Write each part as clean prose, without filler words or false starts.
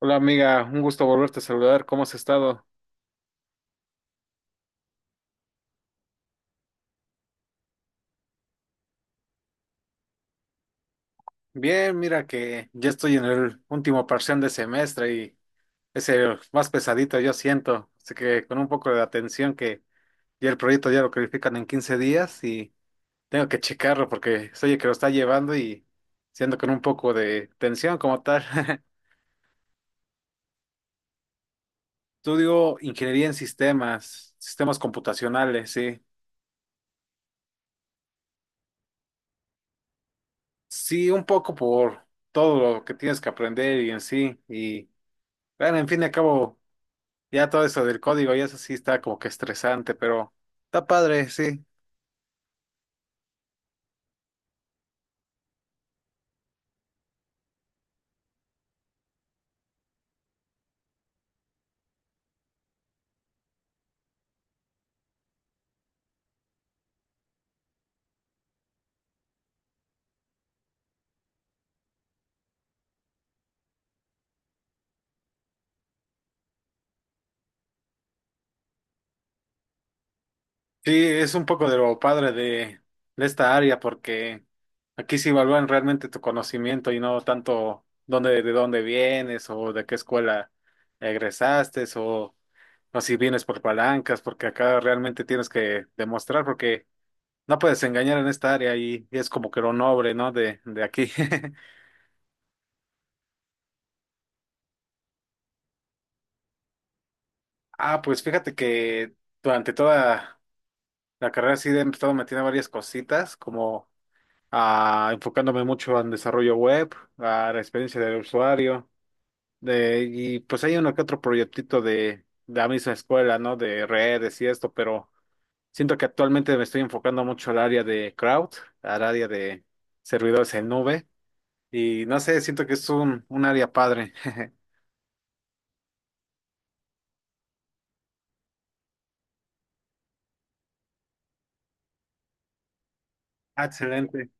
Hola amiga, un gusto volverte a saludar. ¿Cómo has estado? Bien, mira que ya estoy en el último parcial de semestre y es el más pesadito, yo siento. Así que con un poco de atención que ya el proyecto ya lo califican en 15 días y tengo que checarlo porque soy el que lo está llevando y siendo con un poco de tensión como tal. Estudio ingeniería en sistemas, sistemas computacionales, sí. Sí, un poco por todo lo que tienes que aprender y en sí. Y bueno, en fin y al cabo. Ya todo eso del código, y eso sí está como que estresante, pero está padre, sí. Sí, es un poco de lo padre de esta área, porque aquí sí evalúan realmente tu conocimiento y no tanto de dónde vienes o de qué escuela egresaste o si vienes por palancas, porque acá realmente tienes que demostrar, porque no puedes engañar en esta área y es como que lo noble, ¿no? De aquí. Ah, pues fíjate que durante toda la carrera sí he estado metiendo varias cositas, como enfocándome mucho en desarrollo web, a la experiencia del usuario, y pues hay uno que otro proyectito de la misma escuela, ¿no? De redes y esto, pero siento que actualmente me estoy enfocando mucho al área de crowd, al área de servidores en nube, y no sé, siento que es un área padre. Ah, excelente.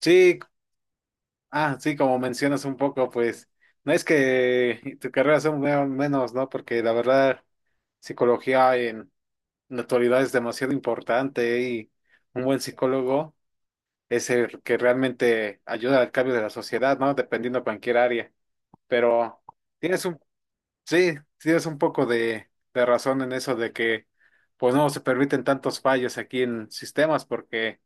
Sí, sí, como mencionas un poco, pues, no es que tu carrera sea menos, ¿no? Porque la verdad. Psicología en la actualidad es demasiado importante y un buen psicólogo es el que realmente ayuda al cambio de la sociedad, ¿no? Dependiendo cualquier área. Pero tienes un, sí, tienes un poco de razón en eso de que pues no se permiten tantos fallos aquí en sistemas porque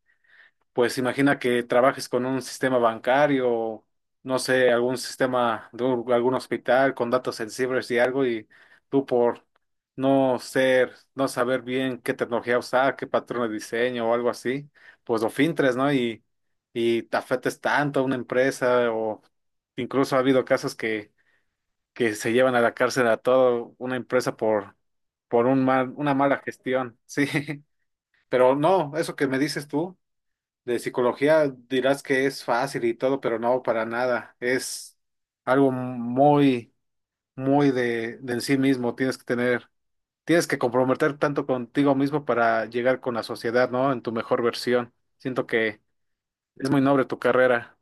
pues imagina que trabajes con un sistema bancario, no sé, algún sistema algún hospital con datos sensibles y algo, y tú por no saber bien qué tecnología usar, qué patrón de diseño o algo así, pues lo filtres, ¿no? Y te afectes tanto a una empresa o incluso ha habido casos que se llevan a la cárcel a toda una empresa por una mala gestión, sí. Pero no, eso que me dices tú. De psicología dirás que es fácil y todo, pero no, para nada. Es algo muy, muy de en sí mismo. Tienes que comprometer tanto contigo mismo para llegar con la sociedad, ¿no? En tu mejor versión. Siento que es muy noble tu carrera.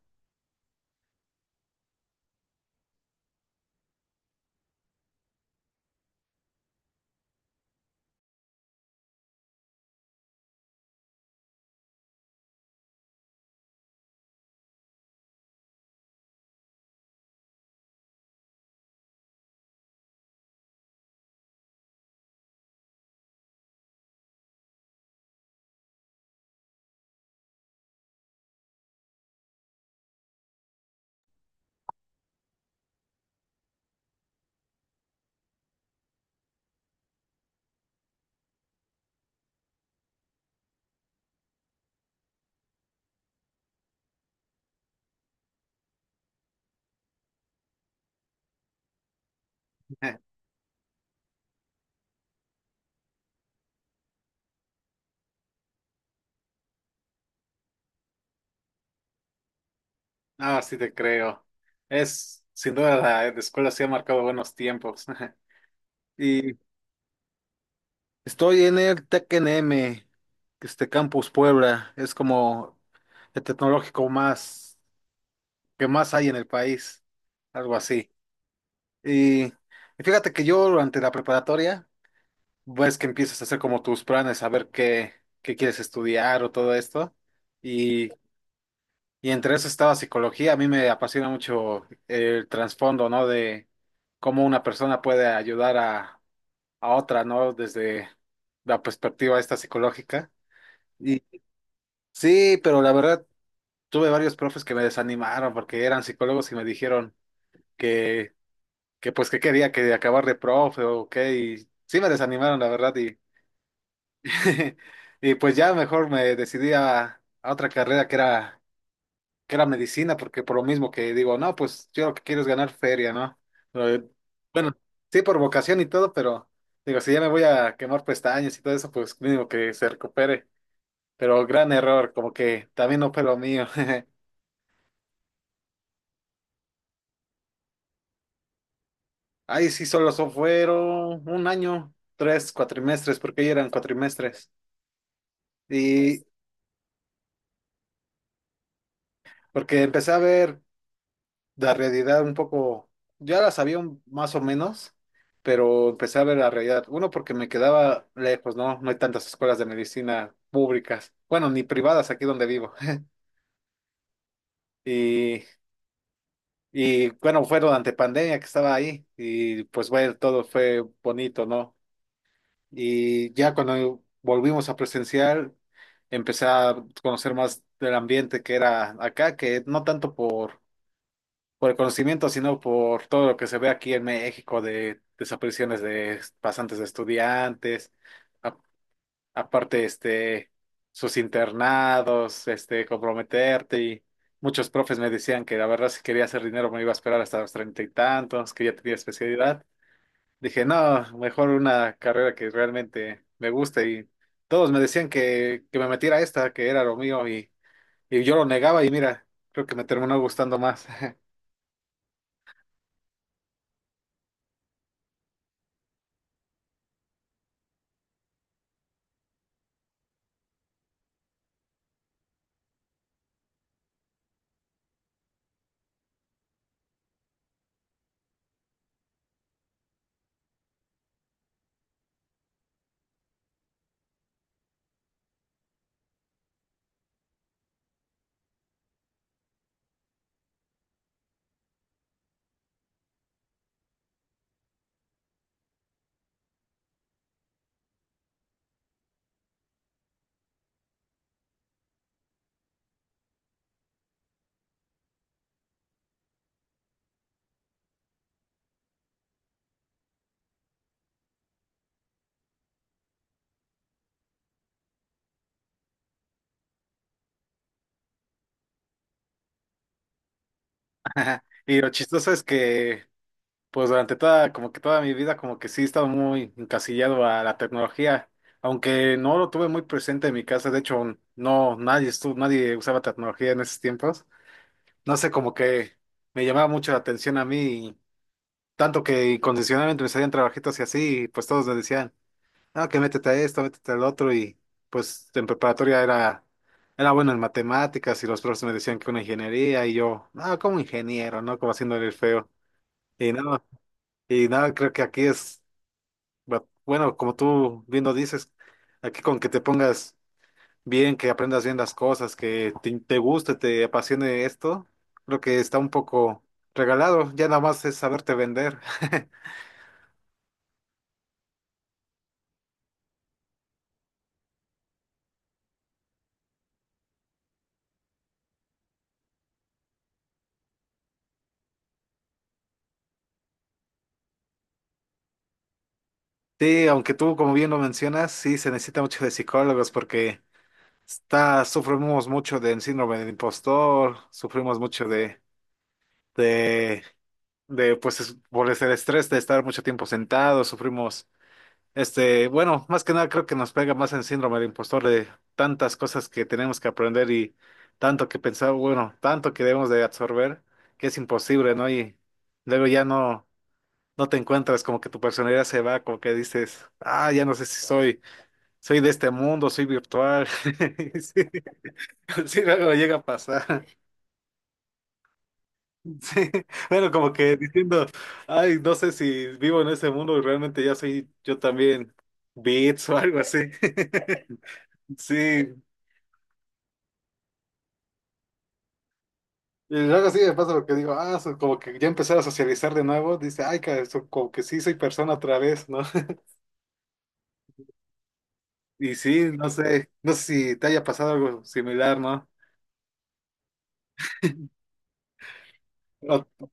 Ah, sí te creo. Es, sin duda, la escuela sí ha marcado buenos tiempos. Y estoy en el TECNM, este Campus Puebla. Es como el tecnológico más, qué más hay en el país, algo así. Y fíjate que yo durante la preparatoria, ves que empiezas a hacer como tus planes, a ver qué quieres estudiar o todo esto. Y, y entre eso estaba psicología, a mí me apasiona mucho el trasfondo, ¿no? De cómo una persona puede ayudar a otra, ¿no? Desde la perspectiva esta psicológica. Y sí, pero la verdad, tuve varios profes que me desanimaron porque eran psicólogos y me dijeron. Que que pues que quería que acabar de profe o qué, y sí me desanimaron, la verdad, y, y pues ya mejor me decidí a otra carrera que era medicina, porque por lo mismo que digo, no, pues yo lo que quiero es ganar feria, ¿no? Eh, Bueno, sí por vocación y todo, pero digo, si ya me voy a quemar pestañas y todo eso, pues mínimo que se recupere, pero gran error, como que también no fue lo mío. Ahí sí solo fueron un año, 3 cuatrimestres, porque ya eran cuatrimestres. Y, Porque empecé a ver la realidad un poco, ya la sabía más o menos, pero empecé a ver la realidad. Uno, porque me quedaba lejos, ¿no? No hay tantas escuelas de medicina públicas, bueno, ni privadas aquí donde vivo. Y, y bueno, fue durante pandemia que estaba ahí y pues bueno, todo fue bonito, ¿no? Y ya cuando volvimos a presencial, empecé a conocer más del ambiente que era acá, que no tanto por el conocimiento, sino por todo lo que se ve aquí en México de desapariciones de pasantes de estudiantes, a- aparte sus internados, comprometerte y muchos profes me decían que la verdad si quería hacer dinero me iba a esperar hasta los treinta y tantos, que ya tenía especialidad. Dije, no, mejor una carrera que realmente me guste y todos me decían que me metiera a esta, que era lo mío y yo lo negaba y mira, creo que me terminó gustando más. Y lo chistoso es que, pues durante toda, como que toda mi vida, como que sí he estado muy encasillado a la tecnología, aunque no lo tuve muy presente en mi casa, de hecho, no, nadie estuvo, nadie usaba tecnología en esos tiempos. No sé, como que me llamaba mucho la atención a mí, y tanto que incondicionalmente me salían trabajitos y así, y pues todos me decían, ah, que métete a esto, métete al otro, y pues en preparatoria era bueno en matemáticas, y los profesores me decían que una ingeniería, y yo, ah, como ingeniero, ¿no? Como haciéndole el feo. Y no, y nada, creo que aquí es, bueno, como tú bien lo dices, aquí con que te pongas bien, que aprendas bien las cosas, que te guste, te apasione esto, creo que está un poco regalado, ya nada más es saberte vender. Sí, aunque tú, como bien lo mencionas, sí se necesita mucho de psicólogos porque sufrimos mucho del síndrome del impostor, sufrimos mucho de, de, pues, por el estrés de estar mucho tiempo sentados, sufrimos. Bueno, más que nada creo que nos pega más en síndrome del impostor de tantas cosas que tenemos que aprender y tanto que pensar, bueno, tanto que debemos de absorber, que es imposible, ¿no? Y luego ya no, no te encuentras, como que tu personalidad se va, como que dices, ah, ya no sé si soy, soy de este mundo, soy virtual. Sí, sí, luego llega a pasar. Sí, bueno, como que diciendo, ay, no sé si vivo en ese mundo y realmente ya soy yo también bits o algo así. Sí, y luego sí me pasa lo que digo, ah, como que ya empezar a socializar de nuevo, dice, ay, cara, como que sí soy persona otra vez, ¿no? Y sí, no sé si te haya pasado algo similar, ¿no? O-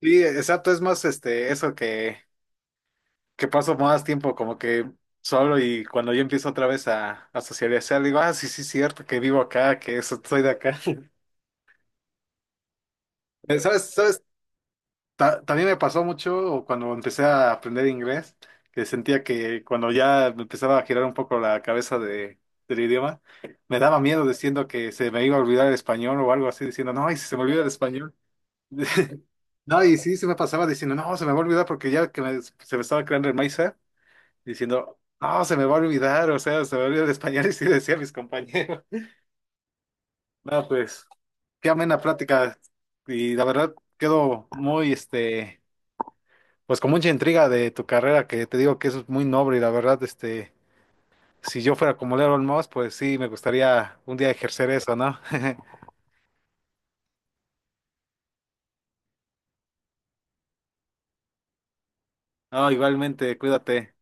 sí, exacto, es más eso que paso más tiempo como que solo y cuando yo empiezo otra vez a socializar, digo, ah, sí, sí, cierto, que vivo acá, que eso, soy de acá. ¿Sabes, sabes también me pasó mucho cuando empecé a aprender inglés, que sentía que cuando ya me empezaba a girar un poco la cabeza del idioma, me daba miedo diciendo que se me iba a olvidar el español o algo así, diciendo, no, y si se me olvida el español. No, y sí, se me pasaba diciendo, no, se me va a olvidar porque ya que se me estaba creando el mindset, diciendo, no, se me va a olvidar, o sea, se me olvida el español, y sí decía a mis compañeros. No, pues, qué amena plática, y la verdad quedo muy, este pues con mucha intriga de tu carrera, que te digo que es muy noble y la verdad, si yo fuera como Leron Moss, pues sí, me gustaría un día ejercer eso, ¿no? No, igualmente, cuídate.